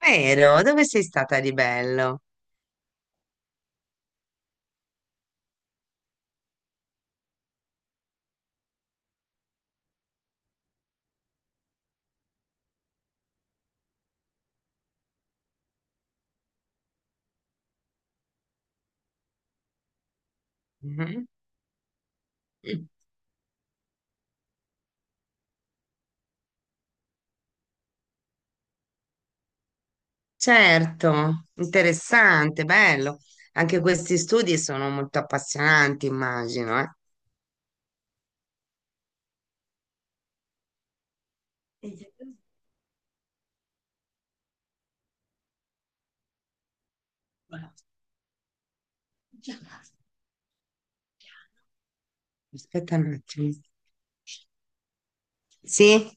Vero, dove sei stata di bello? Mhm. Certo, interessante, bello. Anche questi studi sono molto appassionanti, immagino, eh. Aspetta un attimo. Sì?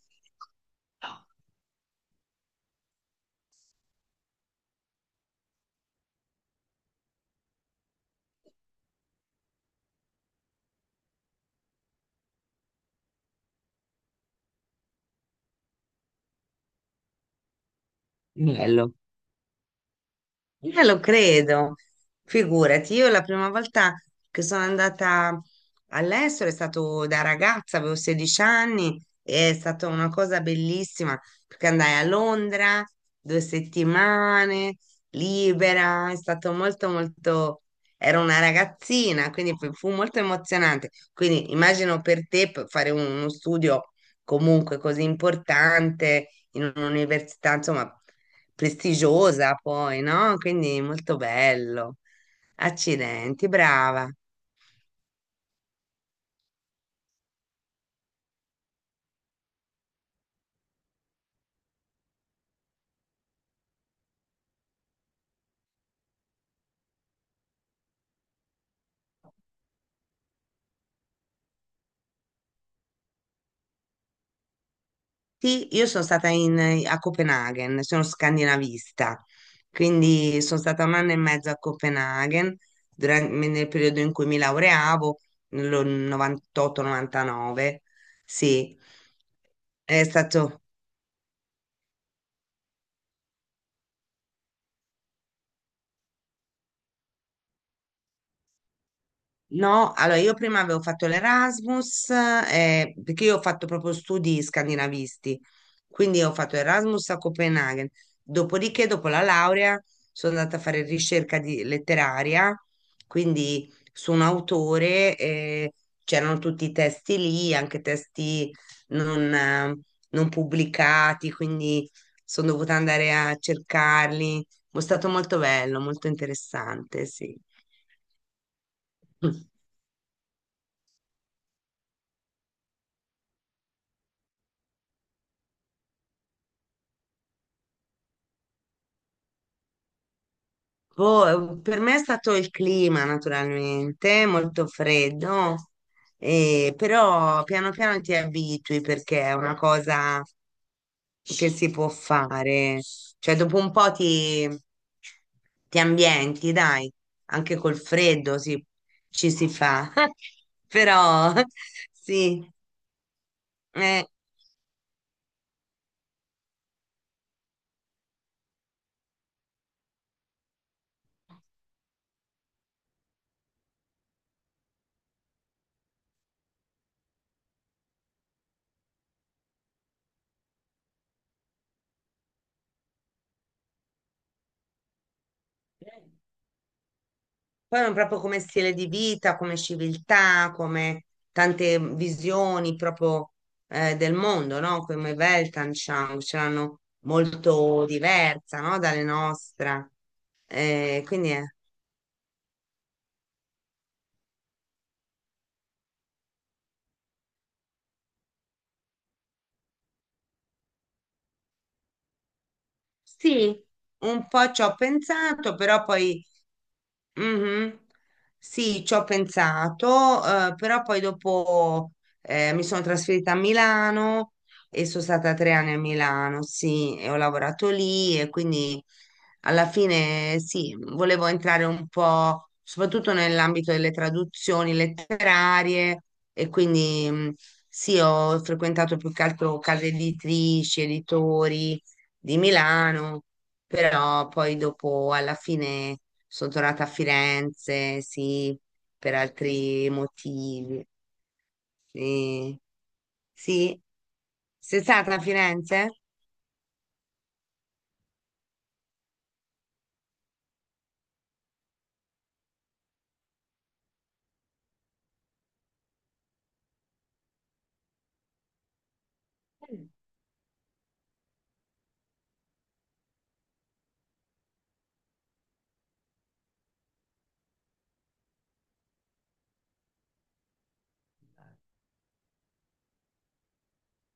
Bello. Lo credo, figurati, io la prima volta che sono andata all'estero è stato da ragazza, avevo 16 anni, e è stata una cosa bellissima perché andai a Londra 2 settimane, libera, è stato molto molto, ero una ragazzina, quindi fu molto emozionante. Quindi immagino per te fare uno studio comunque così importante in un'università, insomma prestigiosa poi, no? Quindi molto bello. Accidenti, brava. Sì, io sono stata a Copenaghen, sono scandinavista, quindi sono stata 1 anno e mezzo a Copenaghen nel periodo in cui mi laureavo, nel 98-99. Sì, è stato no, allora io prima avevo fatto l'Erasmus, perché io ho fatto proprio studi scandinavisti, quindi ho fatto Erasmus a Copenaghen. Dopodiché, dopo la laurea, sono andata a fare letteraria, quindi su un autore, c'erano tutti i testi lì, anche testi non, eh, non pubblicati, quindi sono dovuta andare a cercarli. È stato molto bello, molto interessante, sì. Boh, per me è stato il clima, naturalmente, molto freddo, però piano piano ti abitui perché è una cosa che si può fare. Cioè, dopo un po' ti ambienti, dai, anche col freddo ci si fa. Però sì, eh. Poi ma proprio come stile di vita, come civiltà, come tante visioni proprio del mondo, no? Come Weltanschauung, ce l'hanno molto diversa, no? Dalle nostre. Quindi sì, un po' ci ho pensato, però poi Mhm. Sì, ci ho pensato, però poi dopo mi sono trasferita a Milano e sono stata 3 anni a Milano, sì, e ho lavorato lì e quindi alla fine sì, volevo entrare un po' soprattutto nell'ambito delle traduzioni letterarie e quindi sì, ho frequentato più che altro case editrici, editori di Milano però poi dopo, alla fine, sono tornata a Firenze, sì, per altri motivi. Sì, sì. Sei stata a Firenze?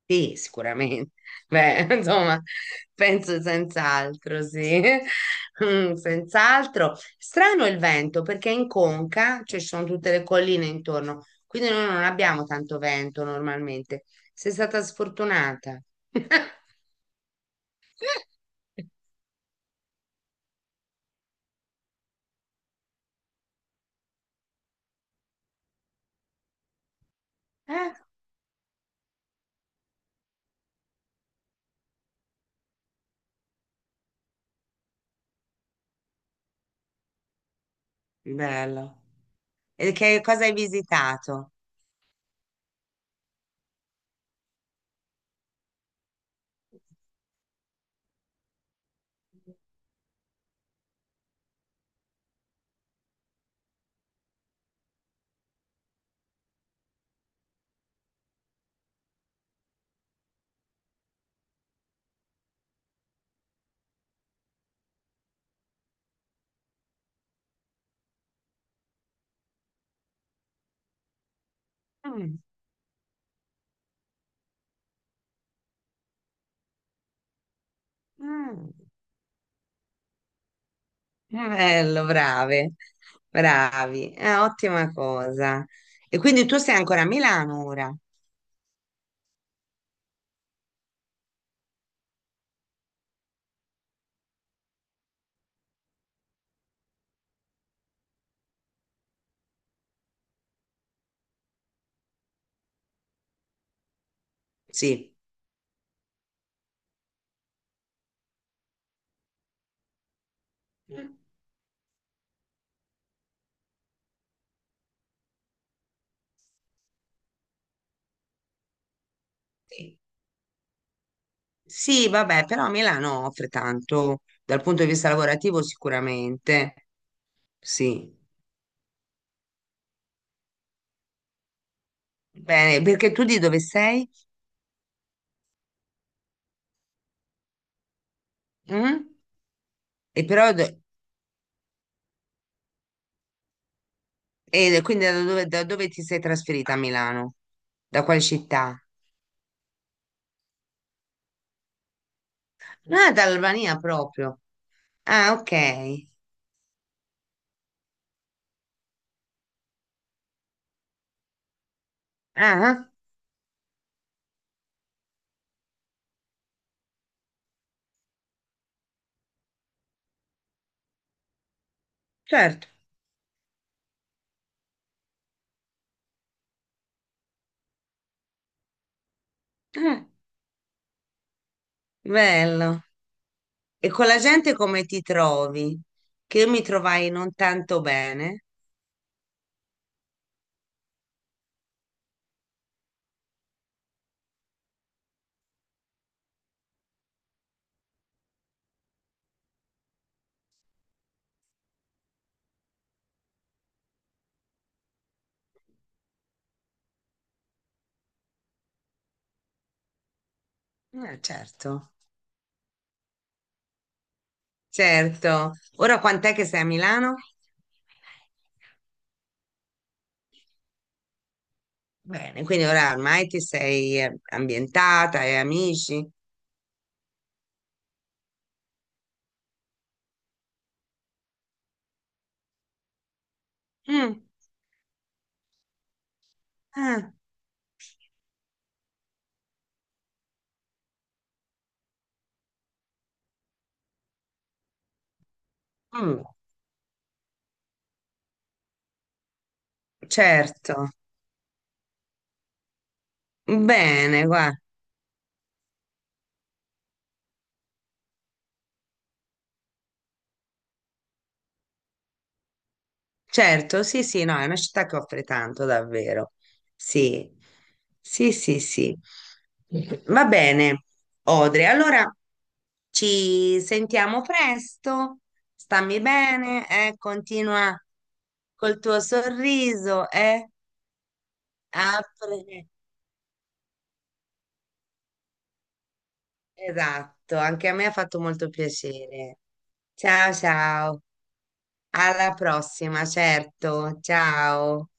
Sì, sicuramente. Beh, insomma, penso senz'altro, sì. Mm, senz'altro. Strano il vento perché in Conca, cioè ci sono tutte le colline intorno, quindi noi non abbiamo tanto vento normalmente. Sei stata sfortunata. Eh, bello. E che cosa hai visitato? Mm, mm, bello, brave, bravi, è ottima cosa. E quindi tu sei ancora a Milano ora? Sì. Mm, sì, sì, vabbè, però Milano offre tanto dal punto di vista lavorativo sicuramente. Sì. Bene, perché tu di dove sei? Mm? E però, e quindi da dove ti sei trasferita a Milano? Da quale città? Ah, dall'Albania proprio. Ah, ok. Ah, certo. Ah, bello. E con la gente come ti trovi? Che io mi trovai non tanto bene. Ah, certo, certo. Ora quant'è che sei a Milano? Bene, quindi ora ormai ti sei ambientata, hai amici. Mm. Ah, mm, certo. Bene, guarda. Certo, sì, sì, no, è una città che offre tanto, davvero. Sì, sì, sì, sì. Va bene, Odre, allora ci sentiamo presto, stammi bene, continua col tuo sorriso, apri. Esatto, anche a me ha fatto molto piacere. Ciao, ciao, alla prossima, certo, ciao.